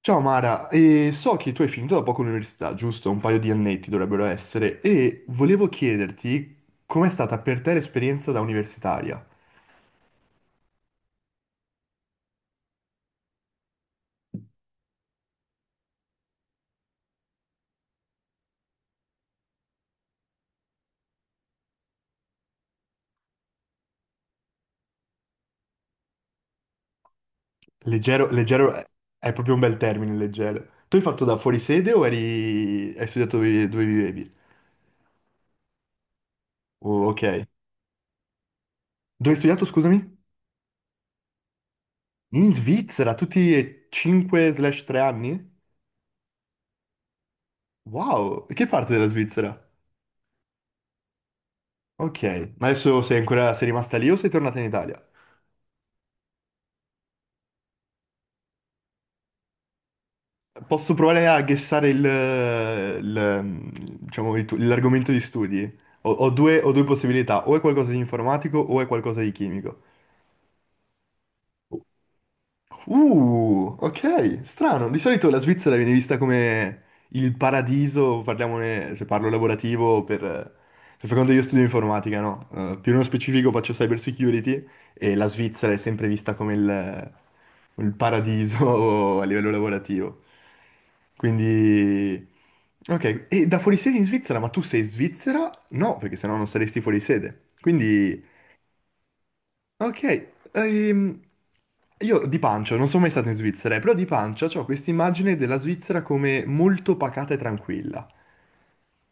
Ciao Mara, e so che tu hai finito da poco l'università, giusto? Un paio di annetti dovrebbero essere, e volevo chiederti com'è stata per te l'esperienza da universitaria? Leggero, leggero è proprio un bel termine, leggero. Tu hai fatto da fuori sede o eri... hai studiato dove, dove vivevi? Oh, ok. Dove hai studiato, scusami? In Svizzera, tutti e 5/3 anni? Wow, che parte della Svizzera? Ok, ma adesso sei ancora... sei rimasta lì o sei tornata in Italia? Posso provare a guessare diciamo, l'argomento di studi? Ho due possibilità, o è qualcosa di informatico o è qualcosa di chimico. Ok, strano. Di solito la Svizzera viene vista come il paradiso, parliamone, se parlo lavorativo, per far conto io studio informatica, no? Più nello specifico faccio cyber security e la Svizzera è sempre vista come il paradiso a livello lavorativo. Quindi... Ok, e da fuori sede in Svizzera, ma tu sei svizzera? No, perché sennò non saresti fuori sede. Quindi... Ok, io di pancia, non sono mai stato in Svizzera, però di pancia ho questa immagine della Svizzera come molto pacata e tranquilla,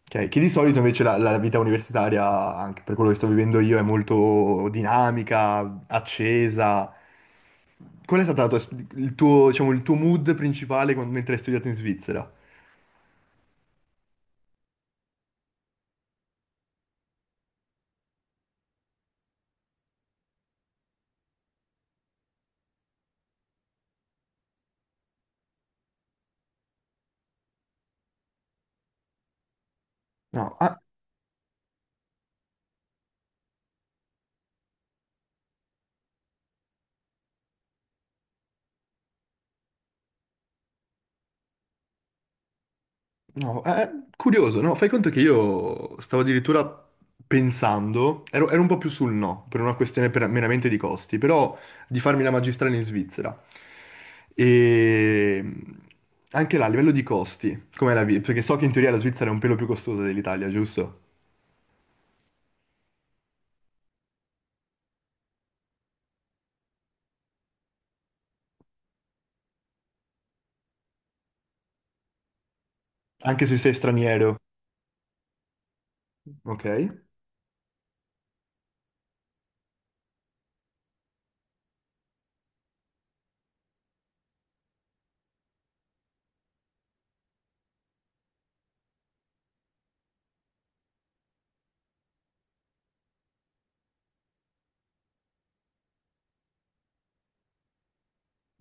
ok? Che di solito invece la vita universitaria, anche per quello che sto vivendo io, è molto dinamica, accesa. Qual è stato la tua il tuo, diciamo, il tuo mood principale mentre hai studiato in Svizzera? No, ah, no, è curioso, no? Fai conto che io stavo addirittura pensando, ero un po' più sul no, per una questione meramente di costi, però di farmi la magistrale in Svizzera. E anche là, a livello di costi, com'è la vita? Perché so che in teoria la Svizzera è un pelo più costosa dell'Italia, giusto? Anche se sei straniero, ok?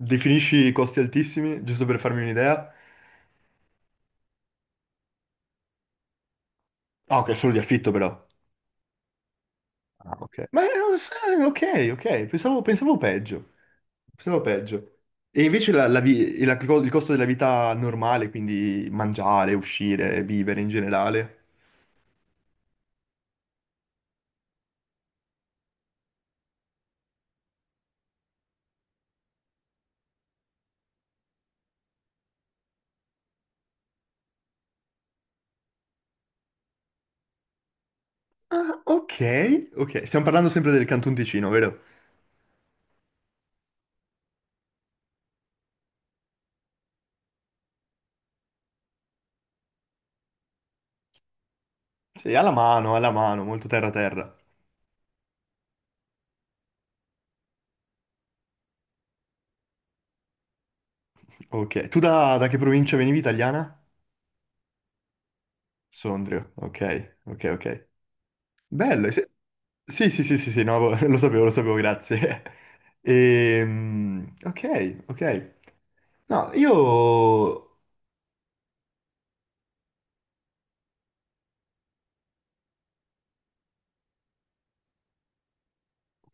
Definisci i costi altissimi, giusto per farmi un'idea? Ah, ok, solo di affitto però. Ah, ok. Ma no, sai, ok, ok, pensavo peggio. Pensavo peggio. E invece la- la vi- e la- il costo della vita normale, quindi mangiare, uscire, vivere in generale. Ah, ok, ok. Stiamo parlando sempre del Canton Ticino, vero? Sì, alla mano, molto terra terra. Ok. Tu da che provincia venivi, italiana? Sondrio, ok, ok, ok. Bello, sì, sì, sì, sì, sì, no, lo sapevo, grazie. Ok, ok. No, io...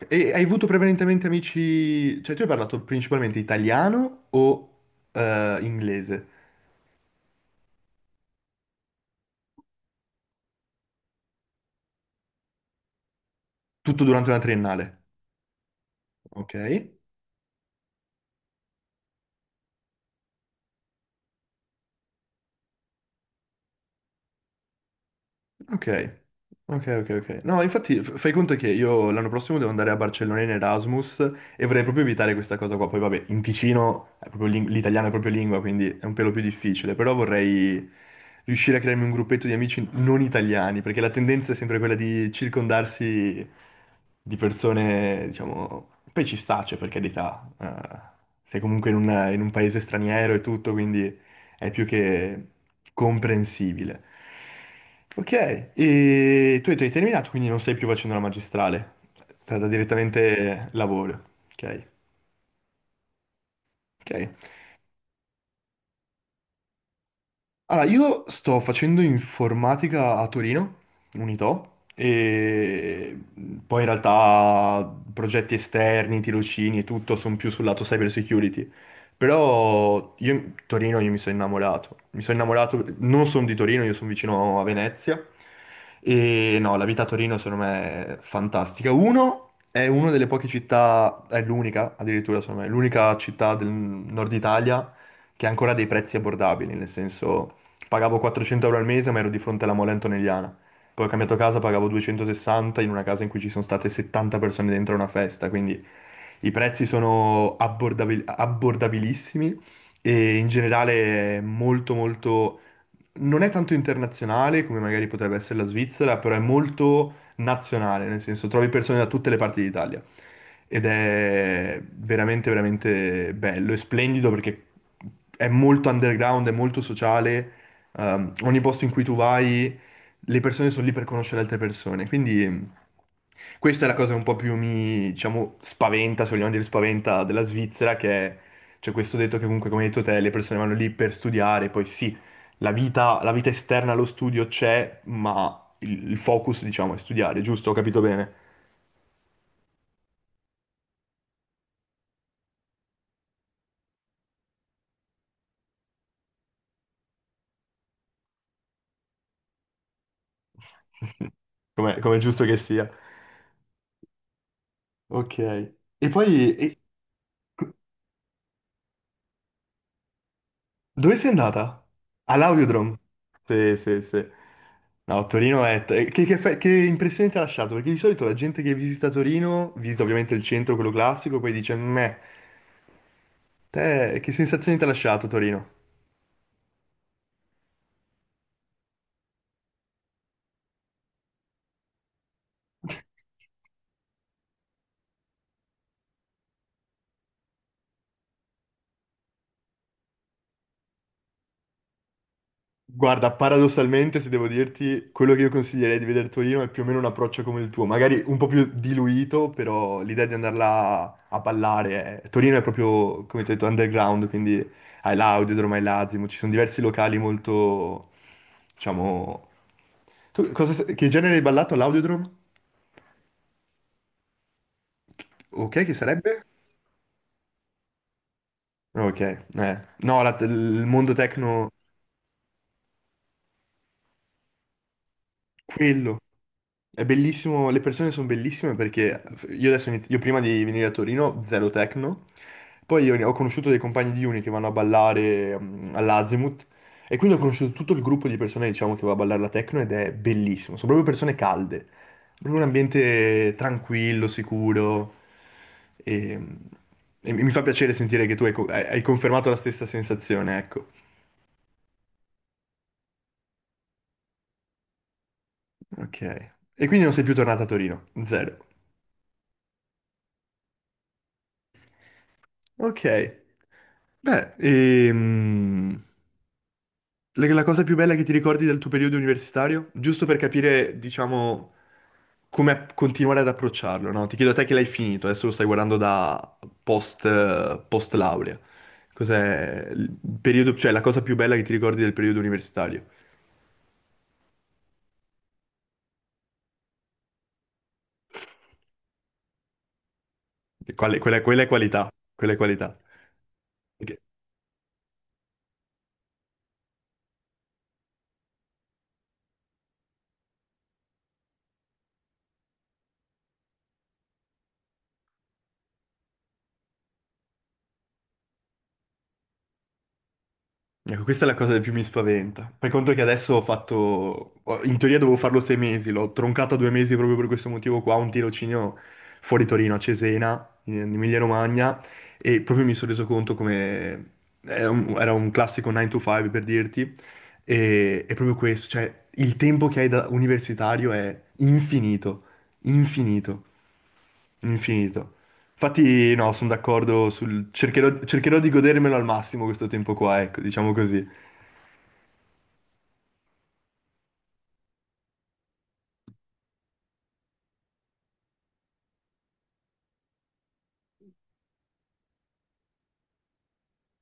e hai avuto prevalentemente amici... Cioè, tu hai parlato principalmente italiano o inglese? Tutto durante la triennale, ok? Ok, ok, ok, ok. No, infatti fai conto che io l'anno prossimo devo andare a Barcellona in Erasmus e vorrei proprio evitare questa cosa qua. Poi vabbè, in Ticino è proprio l'italiano è proprio lingua, quindi è un pelo più difficile, però vorrei riuscire a crearmi un gruppetto di amici non italiani, perché la tendenza è sempre quella di circondarsi di persone, diciamo... Poi ci sta, cioè, per carità, sei comunque in un paese straniero e tutto, quindi è più che comprensibile. Ok, e tu hai terminato, quindi non stai più facendo la magistrale, è stata direttamente lavoro. Ok, ok. Allora, io sto facendo informatica a Torino, Unitò, e poi in realtà progetti esterni, tirocini e tutto sono più sul lato cyber security. Però io, Torino, io mi sono innamorato. Mi sono innamorato, non sono di Torino, io sono vicino a Venezia. E no, la vita a Torino secondo me è fantastica. Uno, è una delle poche città, è l'unica addirittura, secondo me, è l'unica città del nord Italia che ha ancora dei prezzi abbordabili, nel senso... Pagavo 400 euro al mese, ma ero di fronte alla mole antonelliana. Poi ho cambiato casa, pagavo 260 in una casa in cui ci sono state 70 persone dentro a una festa, quindi i prezzi sono abbordabilissimi e in generale è molto molto... Non è tanto internazionale come magari potrebbe essere la Svizzera, però è molto nazionale, nel senso trovi persone da tutte le parti d'Italia. Ed è veramente, veramente bello e splendido perché è molto underground, è molto sociale ogni posto in cui tu vai, le persone sono lì per conoscere altre persone. Quindi questa è la cosa che un po' più mi, diciamo, spaventa, se vogliamo dire spaventa, della Svizzera, che è, c'è questo detto che comunque, come hai detto te, le persone vanno lì per studiare, poi sì, la vita esterna allo studio c'è, ma il focus, diciamo, è studiare, giusto? Ho capito bene? Come è giusto che sia. Ok. E poi... Dove sei andata? All'Audiodrome. Sì, sì, sì. No, Torino è... Che impressione ti ha lasciato? Perché di solito la gente che visita Torino, visita ovviamente il centro, quello classico, poi dice, meh, te che sensazioni ti ha lasciato Torino? Guarda, paradossalmente, se devo dirti, quello che io consiglierei di vedere Torino è più o meno un approccio come il tuo, magari un po' più diluito, però l'idea di andarla a ballare è... Torino è proprio, come ti ho detto, underground, quindi hai l'Audiodromo, hai l'Azimo, ci sono diversi locali molto, diciamo... Che genere hai ballato all'Audiodrome? Ok, che sarebbe? Ok, eh. No, il mondo tecno Quello. È bellissimo, le persone sono bellissime perché io adesso io prima di venire a Torino, zero techno, poi io ho conosciuto dei compagni di uni che vanno a ballare all'Azimut e quindi ho conosciuto tutto il gruppo di persone diciamo che va a ballare la techno ed è bellissimo, sono proprio persone calde, proprio un ambiente tranquillo, sicuro e, e mi fa piacere sentire che tu hai, co- hai hai confermato la stessa sensazione, ecco. Ok. E quindi non sei più tornato a Torino, zero. Ok. Beh, la cosa più bella che ti ricordi del tuo periodo universitario? Giusto per capire, diciamo, come continuare ad approcciarlo, no? Ti chiedo a te che l'hai finito, adesso lo stai guardando da post, post laurea. Cos'è il periodo, cioè la cosa più bella che ti ricordi del periodo universitario? E quella, quella è qualità, quella è qualità. Ok. Ecco, questa è la cosa che più mi spaventa. Per conto che adesso ho fatto, in teoria dovevo farlo 6 mesi, l'ho troncato a 2 mesi proprio per questo motivo qua, un tirocinio fuori Torino, a Cesena, in Emilia-Romagna, e proprio mi sono reso conto come è era un, classico 9 to 5 per dirti, e è proprio questo, cioè il tempo che hai da universitario è infinito, infinito, infinito. Infatti no, sono d'accordo sul... cercherò di godermelo al massimo questo tempo qua, ecco, diciamo così.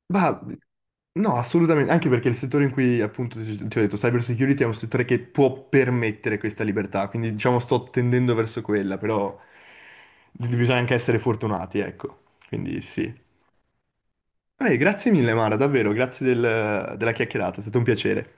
Ma no, assolutamente, anche perché il settore in cui appunto ti ho detto, cyber security è un settore che può permettere questa libertà, quindi diciamo sto tendendo verso quella, però bisogna anche essere fortunati, ecco, quindi sì. Vabbè, grazie mille Mara, davvero, grazie della chiacchierata, è stato un piacere.